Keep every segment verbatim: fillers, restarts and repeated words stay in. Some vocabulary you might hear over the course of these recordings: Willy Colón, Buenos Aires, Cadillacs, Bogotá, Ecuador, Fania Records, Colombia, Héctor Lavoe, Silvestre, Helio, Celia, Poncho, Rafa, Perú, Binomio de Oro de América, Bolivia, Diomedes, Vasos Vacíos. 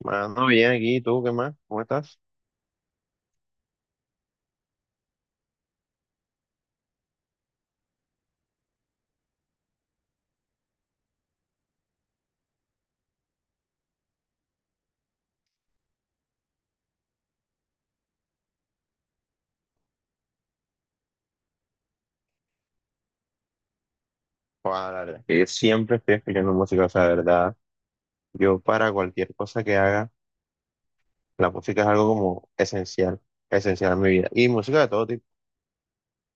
Mano, bien aquí, ¿y ¿tú qué más? ¿Cómo estás? Joder, la verdad es que yo siempre estoy escuchando música, o sea, de verdad, yo para cualquier cosa que haga, la música es algo como esencial, esencial en mi vida. Y música de todo tipo.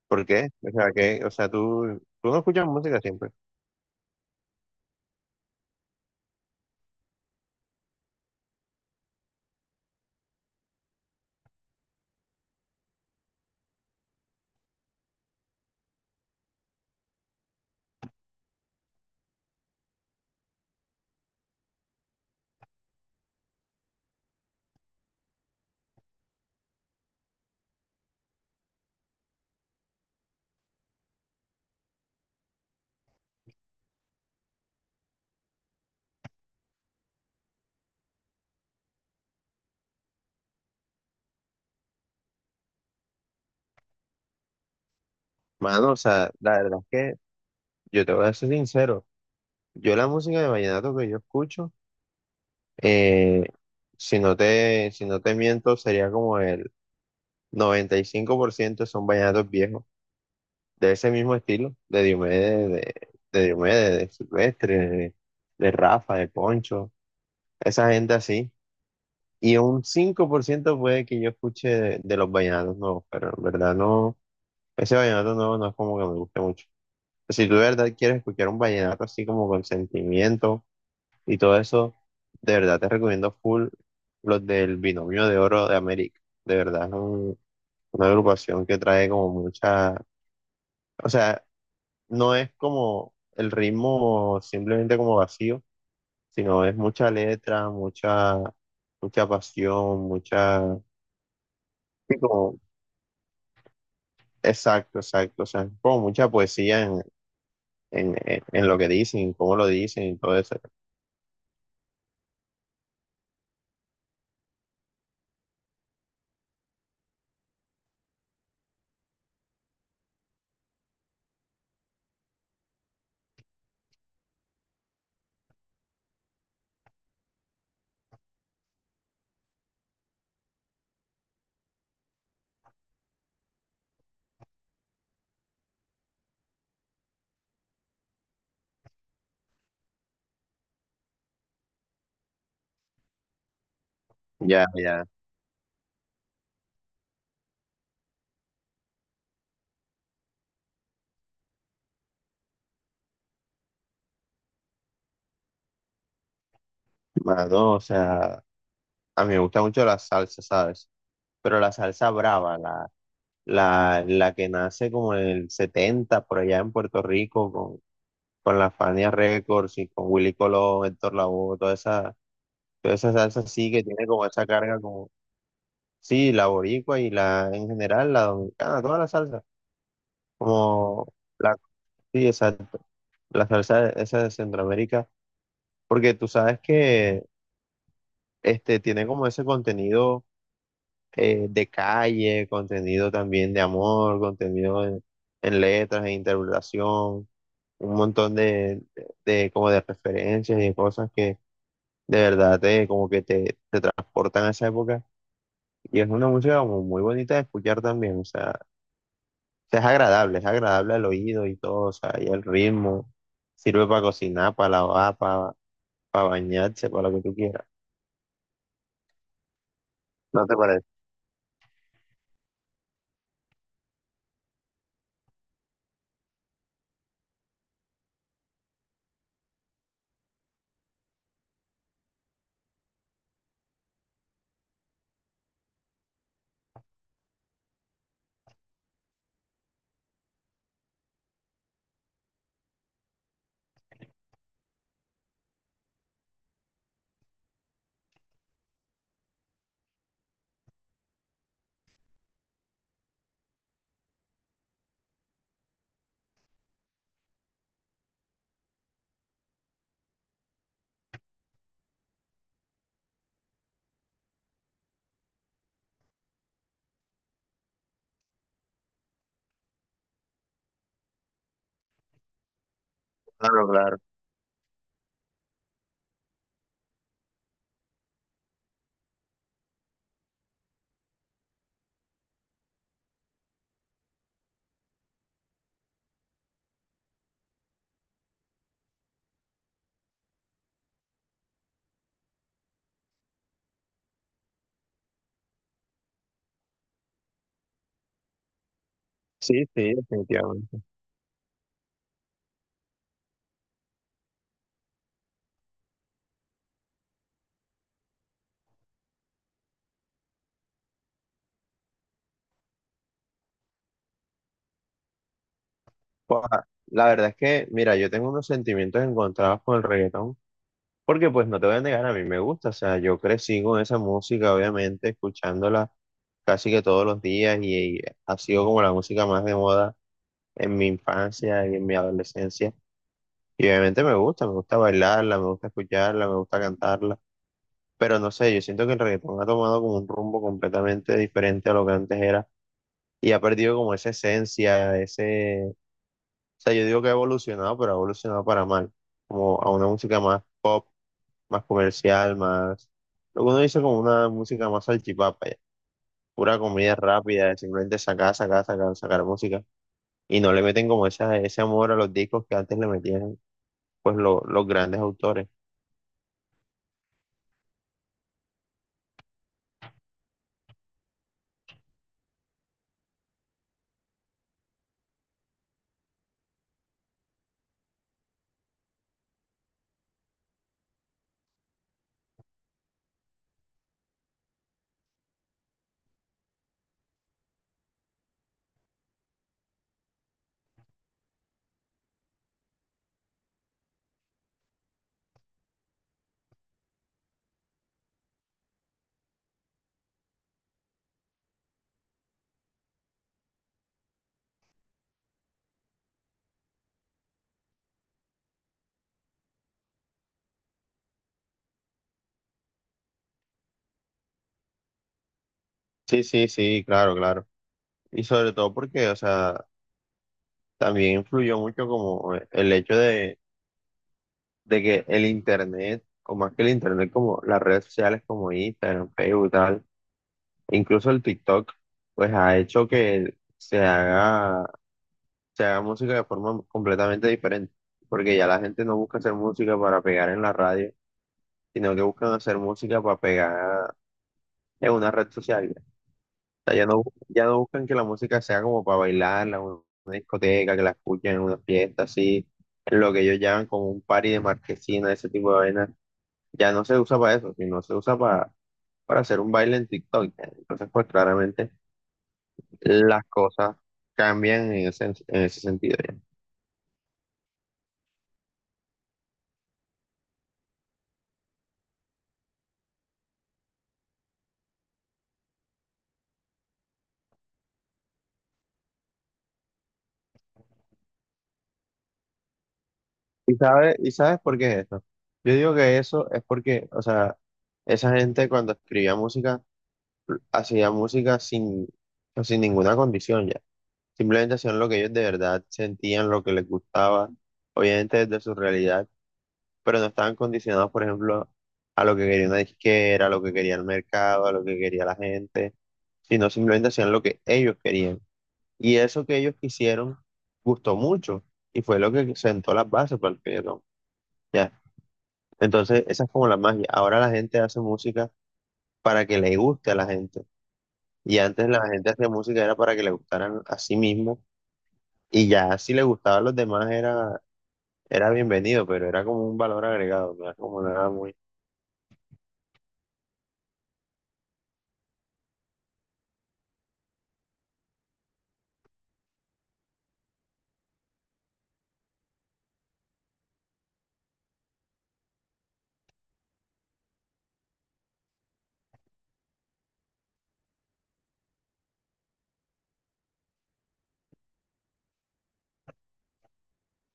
¿Por qué? O sea, que, o sea, tú, tú no escuchas música siempre. Mano, o sea, la verdad es que yo te voy a ser sincero, yo la música de vallenato que yo escucho, eh, si no te, si no te miento, sería como el noventa y cinco por ciento son vallenatos viejos, de ese mismo estilo, de Diomedes, de, de Diomedes, de Silvestre, de, de Rafa, de Poncho, esa gente así. Y un cinco por ciento puede que yo escuche de, de los vallenatos nuevos, pero en verdad no, ese vallenato nuevo no es como que me guste mucho. Si tú de verdad quieres escuchar un vallenato así como con sentimiento y todo eso, de verdad te recomiendo full los del Binomio de Oro de América. De verdad es un- una agrupación que trae como mucha, o sea, no es como el ritmo simplemente como vacío, sino es mucha letra, mucha, mucha pasión, mucha... sí, como- exacto, exacto, o sea, como mucha poesía en, en, en- en lo que dicen, cómo lo dicen y todo eso. Ya, ya. Más no, o sea, a mí me gusta mucho la salsa, ¿sabes? Pero la salsa brava, la, la, la que nace como en el setenta por allá en Puerto Rico, con, con la Fania Records y con Willy Colón, Héctor Lavoe, toda esa. Toda esa salsa sí que tiene como esa carga como, sí, la boricua y la, en general, la dominicana, toda la salsa, como la, sí, exacto, la salsa de- esa de Centroamérica, porque tú sabes que este, tiene como ese contenido, eh, de calle, contenido también de amor, contenido en, en letras, en interpretación, un montón de, de, como de referencias y de cosas que de verdad te, como que te, te transportan a esa época. Y es una música como muy bonita de escuchar también, o sea, es agradable, es agradable al oído y todo, o sea, y el ritmo sirve para cocinar, para lavar, para, para bañarse, para lo que tú quieras. ¿No te parece? Claro, claro. Sí, sí, definitivamente. Pues, ah, la verdad es que, mira, yo tengo unos sentimientos encontrados con el reggaetón, porque pues no te voy a negar, a mí me gusta, o sea, yo crecí con esa música, obviamente, escuchándola casi que todos los días y, y ha sido como la música más de moda en mi infancia y en mi adolescencia. Y obviamente me gusta, me gusta bailarla, me gusta escucharla, me gusta cantarla, pero no sé, yo siento que el reggaetón ha tomado como un rumbo completamente diferente a lo que antes era y ha perdido como esa esencia, ese, o sea, yo digo que ha evolucionado, pero ha evolucionado para mal, como a una música más pop, más comercial, más, lo que uno dice como una música más salchipapa, ya. Pura comida rápida, simplemente sacar, sacar, sacar, sacar música y no le meten como esa, ese amor a los discos que antes le metían, pues lo- los grandes autores. Sí, sí, sí, claro, claro. Y sobre todo porque, o sea, también influyó mucho como el hecho de, de que el Internet, o más que el Internet, como las redes sociales como Instagram, Facebook, tal, e incluso el TikTok, pues ha hecho que se haga, se haga música de forma completamente diferente. Porque ya la gente no busca hacer música para pegar en la radio, sino que buscan hacer música para pegar en una red social. Sea, ya no, ya no buscan que la música sea como para bailarla, una, una discoteca, que la escuchen en una fiesta, así, en lo que ellos llaman como un party de marquesina, ese tipo de vaina. Ya no se usa para eso, sino se usa para, para hacer un baile en TikTok. Ya. Entonces, pues claramente las cosas cambian en ese, en ese sentido ya. ¿Y sabes, y sabes por qué es eso? Yo digo que eso es porque, o sea, esa gente cuando escribía música, hacía música sin, sin ninguna condición ya. Simplemente hacían lo que ellos de verdad sentían, lo que les gustaba, obviamente desde su realidad, pero no estaban condicionados, por ejemplo, a lo que quería una disquera, a lo que quería el mercado, a lo que quería la gente, sino simplemente hacían lo que ellos querían. Y eso que ellos quisieron gustó mucho y fue lo que sentó las bases para el reggaetón. Ya. Entonces, esa es como la magia. Ahora la gente hace música para que le guste a la gente. Y antes la gente hacía música era para que le gustaran a sí mismo. Y ya si le gustaba a los demás era. Era bienvenido, pero era como un valor agregado, no era como nada muy...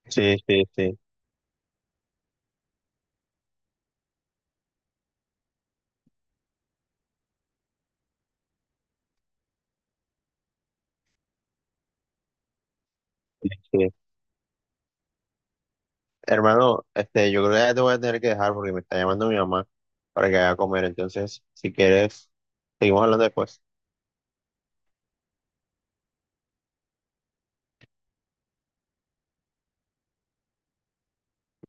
Sí, sí, sí, sí, sí. Hermano, este, yo creo que ya te voy a tener que dejar porque me está llamando mi mamá para que vaya a comer. Entonces, si quieres, seguimos hablando después.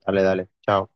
Dale, dale. Chao.